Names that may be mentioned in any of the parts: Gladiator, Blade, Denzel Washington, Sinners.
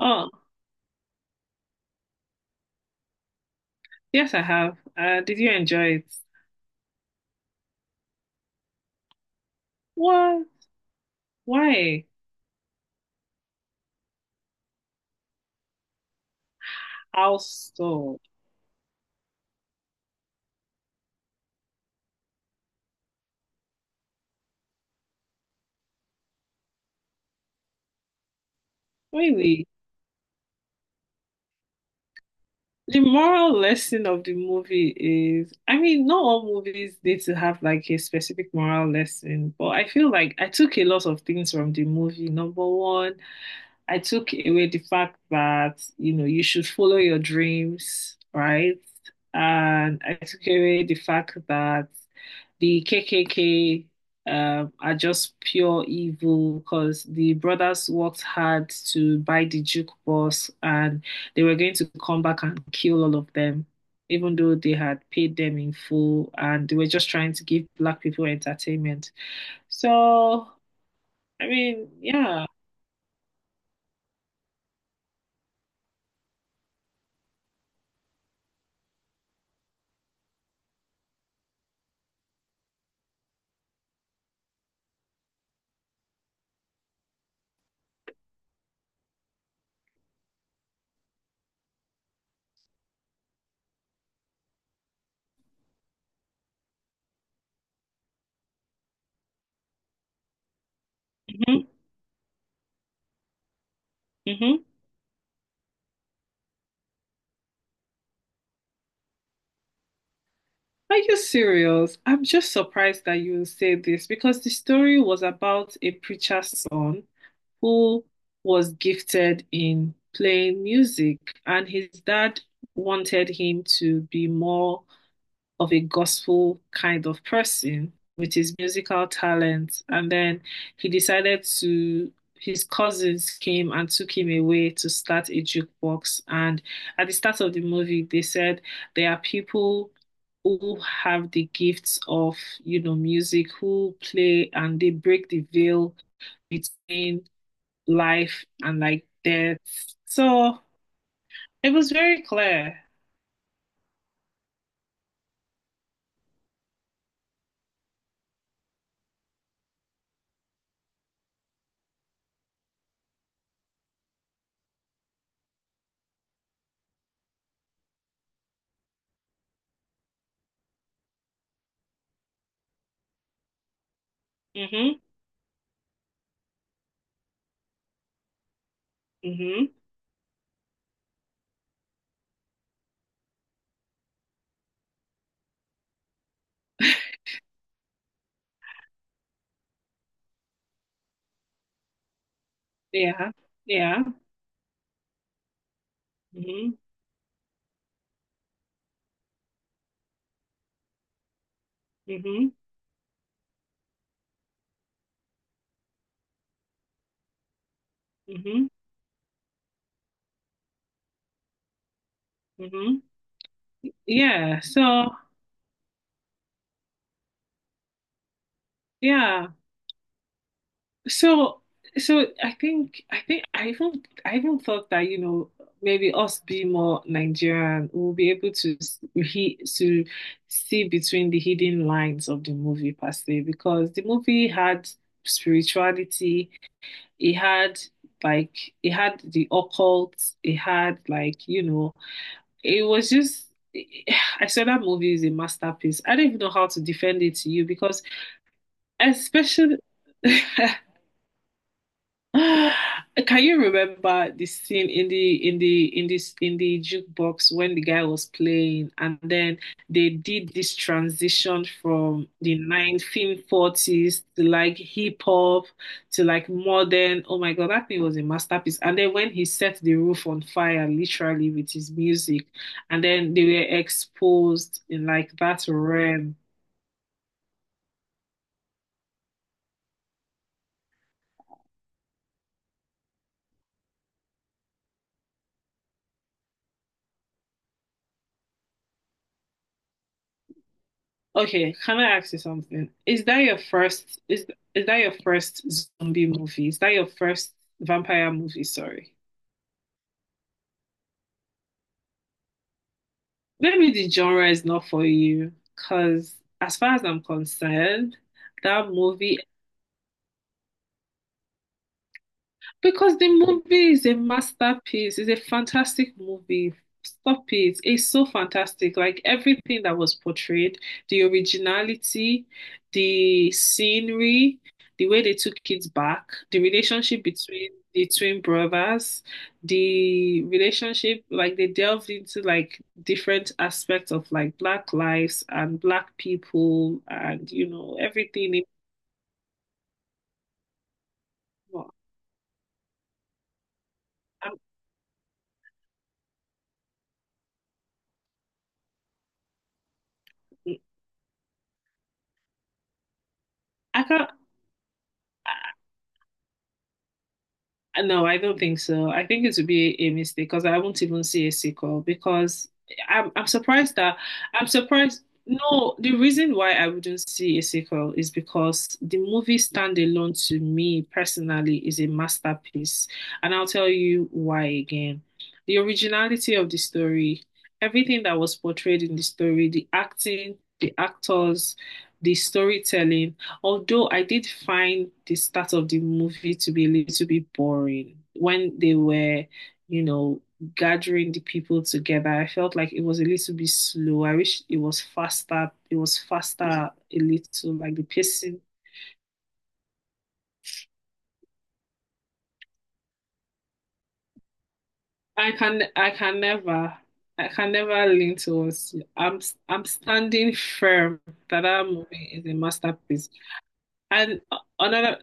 Oh, yes, I have. Did you enjoy it? What? Why? How so? Really? The moral lesson of the movie is, I mean, not all movies need to have like a specific moral lesson, but I feel like I took a lot of things from the movie. Number one, I took away the fact that, you know, you should follow your dreams, right? And I took away the fact that the KKK are just pure evil because the brothers worked hard to buy the jukebox and they were going to come back and kill all of them, even though they had paid them in full and they were just trying to give black people entertainment. So, I mean, yeah. hmm hmm Are you serious? I'm just surprised that you say this because the story was about a preacher's son who was gifted in playing music, and his dad wanted him to be more of a gospel kind of person with his musical talent. And then he decided to, his cousins came and took him away to start a jukebox. And at the start of the movie, they said there are people who have the gifts of, you know, music, who play and they break the veil between life and like death. So it was very clear. Mm-hmm. Mm-hmm. Yeah. Yeah. Mm-hmm. hmm hmm hmm Yeah, so yeah. So so I think I even thought that, you know, maybe us being more Nigerian, we'll be able to s- he to see between the hidden lines of the movie per se, because the movie had spirituality, it had like it had the occult, it had like, you know, it was just, I said that movie is a masterpiece. I don't even know how to defend it to you because, especially, can you remember the scene in the in the in this in the jukebox when the guy was playing and then they did this transition from the 1940s to like hip hop to like modern. Oh my God, that thing was a masterpiece. And then when he set the roof on fire literally with his music and then they were exposed in like that realm. Okay, can I ask you something? Is that your first zombie movie? Is that your first vampire movie? Sorry. Maybe the genre is not for you, because as far as I'm concerned, that movie, because the movie is a masterpiece, it's a fantastic movie. Stop it. It's so fantastic. Like everything that was portrayed, the originality, the scenery, the way they took kids back, the relationship between the twin brothers, the relationship, like they delved into like different aspects of like black lives and black people and you know everything. In- I can't. No, I don't think so. I think it would be a mistake because I won't even see a sequel because I'm surprised that I'm surprised. No, the reason why I wouldn't see a sequel is because the movie standalone to me personally is a masterpiece, and I'll tell you why again. The originality of the story, everything that was portrayed in the story, the acting, the actors, the storytelling. Although I did find the start of the movie to be a little bit boring when they were, you know, gathering the people together, I felt like it was a little bit slow. I wish it was faster. It was faster a little, like the pacing. I can, I can never, I can never lean towards you. I'm standing firm that that movie is a masterpiece. And another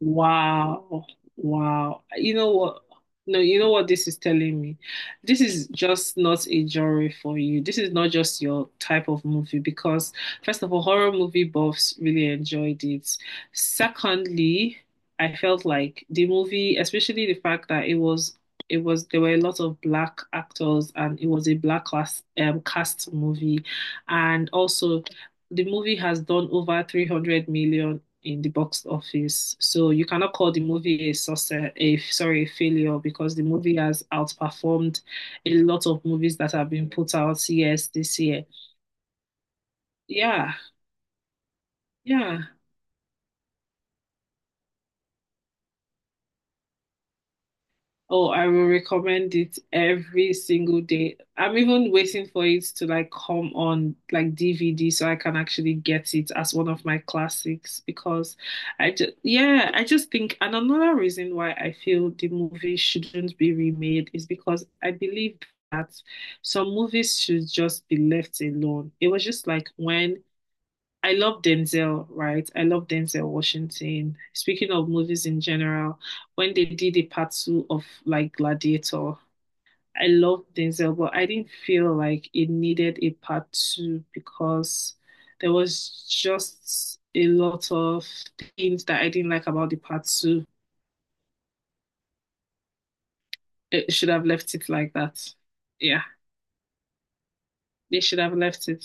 wow. Wow. You know what? No, you know what this is telling me? This is just not a genre for you. This is not just your type of movie because, first of all, horror movie buffs really enjoyed it. Secondly, I felt like the movie, especially the fact that it was there were a lot of black actors and it was a black class cast movie. And also the movie has done over 300 million in the box office. So you cannot call the movie a success, a sorry, a failure because the movie has outperformed a lot of movies that have been put out yes this year. Yeah, yeah. Oh, I will recommend it every single day. I'm even waiting for it to like come on like DVD so I can actually get it as one of my classics because I just yeah, I just think and another reason why I feel the movie shouldn't be remade is because I believe that some movies should just be left alone. It was just like when I love Denzel, right? I love Denzel Washington. Speaking of movies in general, when they did the part two of like Gladiator, I love Denzel, but I didn't feel like it needed a part two because there was just a lot of things that I didn't like about the part two. It should have left it like that. Yeah, they should have left it.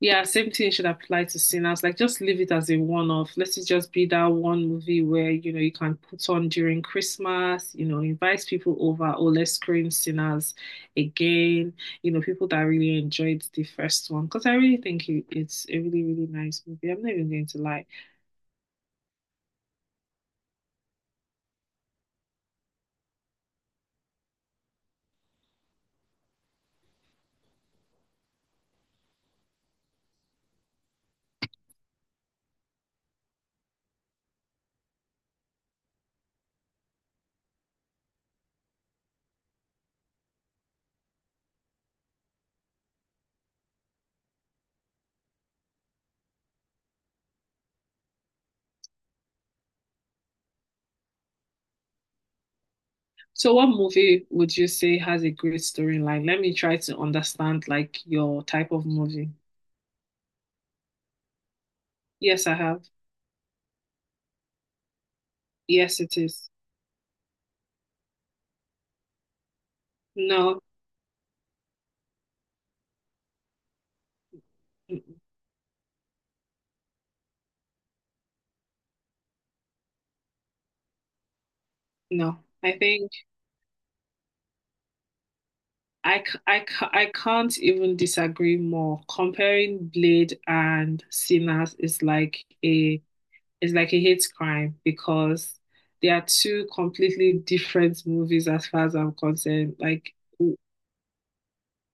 Yeah, same thing should apply to Sinners. Like, just leave it as a one-off. Let it just be that one movie where, you know, you can put on during Christmas, you know, invite people over, or let's screen Sinners again. You know, people that really enjoyed the first one. Because I really think it, it's a really, really nice movie. I'm not even going to lie. So, what movie would you say has a great storyline? Let me try to understand, like, your type of movie. Yes, I have. Yes, it is. No, mm, no. I think. I can't even disagree more. Comparing Blade and Sinners is like a hate crime because they are two completely different movies as far as I'm concerned. Like w-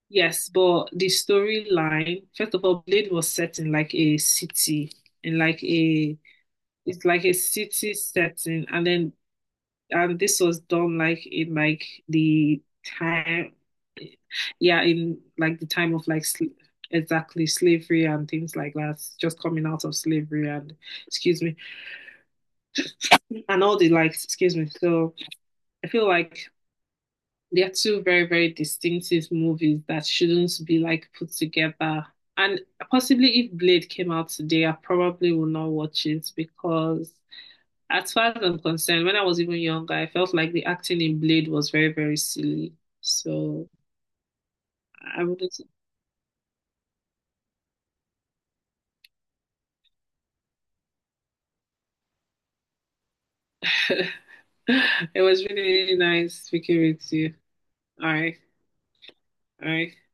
yes, but the storyline, first of all, Blade was set in like a city, in like a it's like a city setting, and then and this was done like in like the time yeah, in like the time of like sl exactly slavery and things like that, just coming out of slavery and excuse me, and all the like, excuse me. So I feel like they're two very, very distinctive movies that shouldn't be like put together. And possibly if Blade came out today, I probably will not watch it because as far as I'm concerned, when I was even younger, I felt like the acting in Blade was very, very silly. So I wouldn't it was really, really nice speaking with you. All right. All right.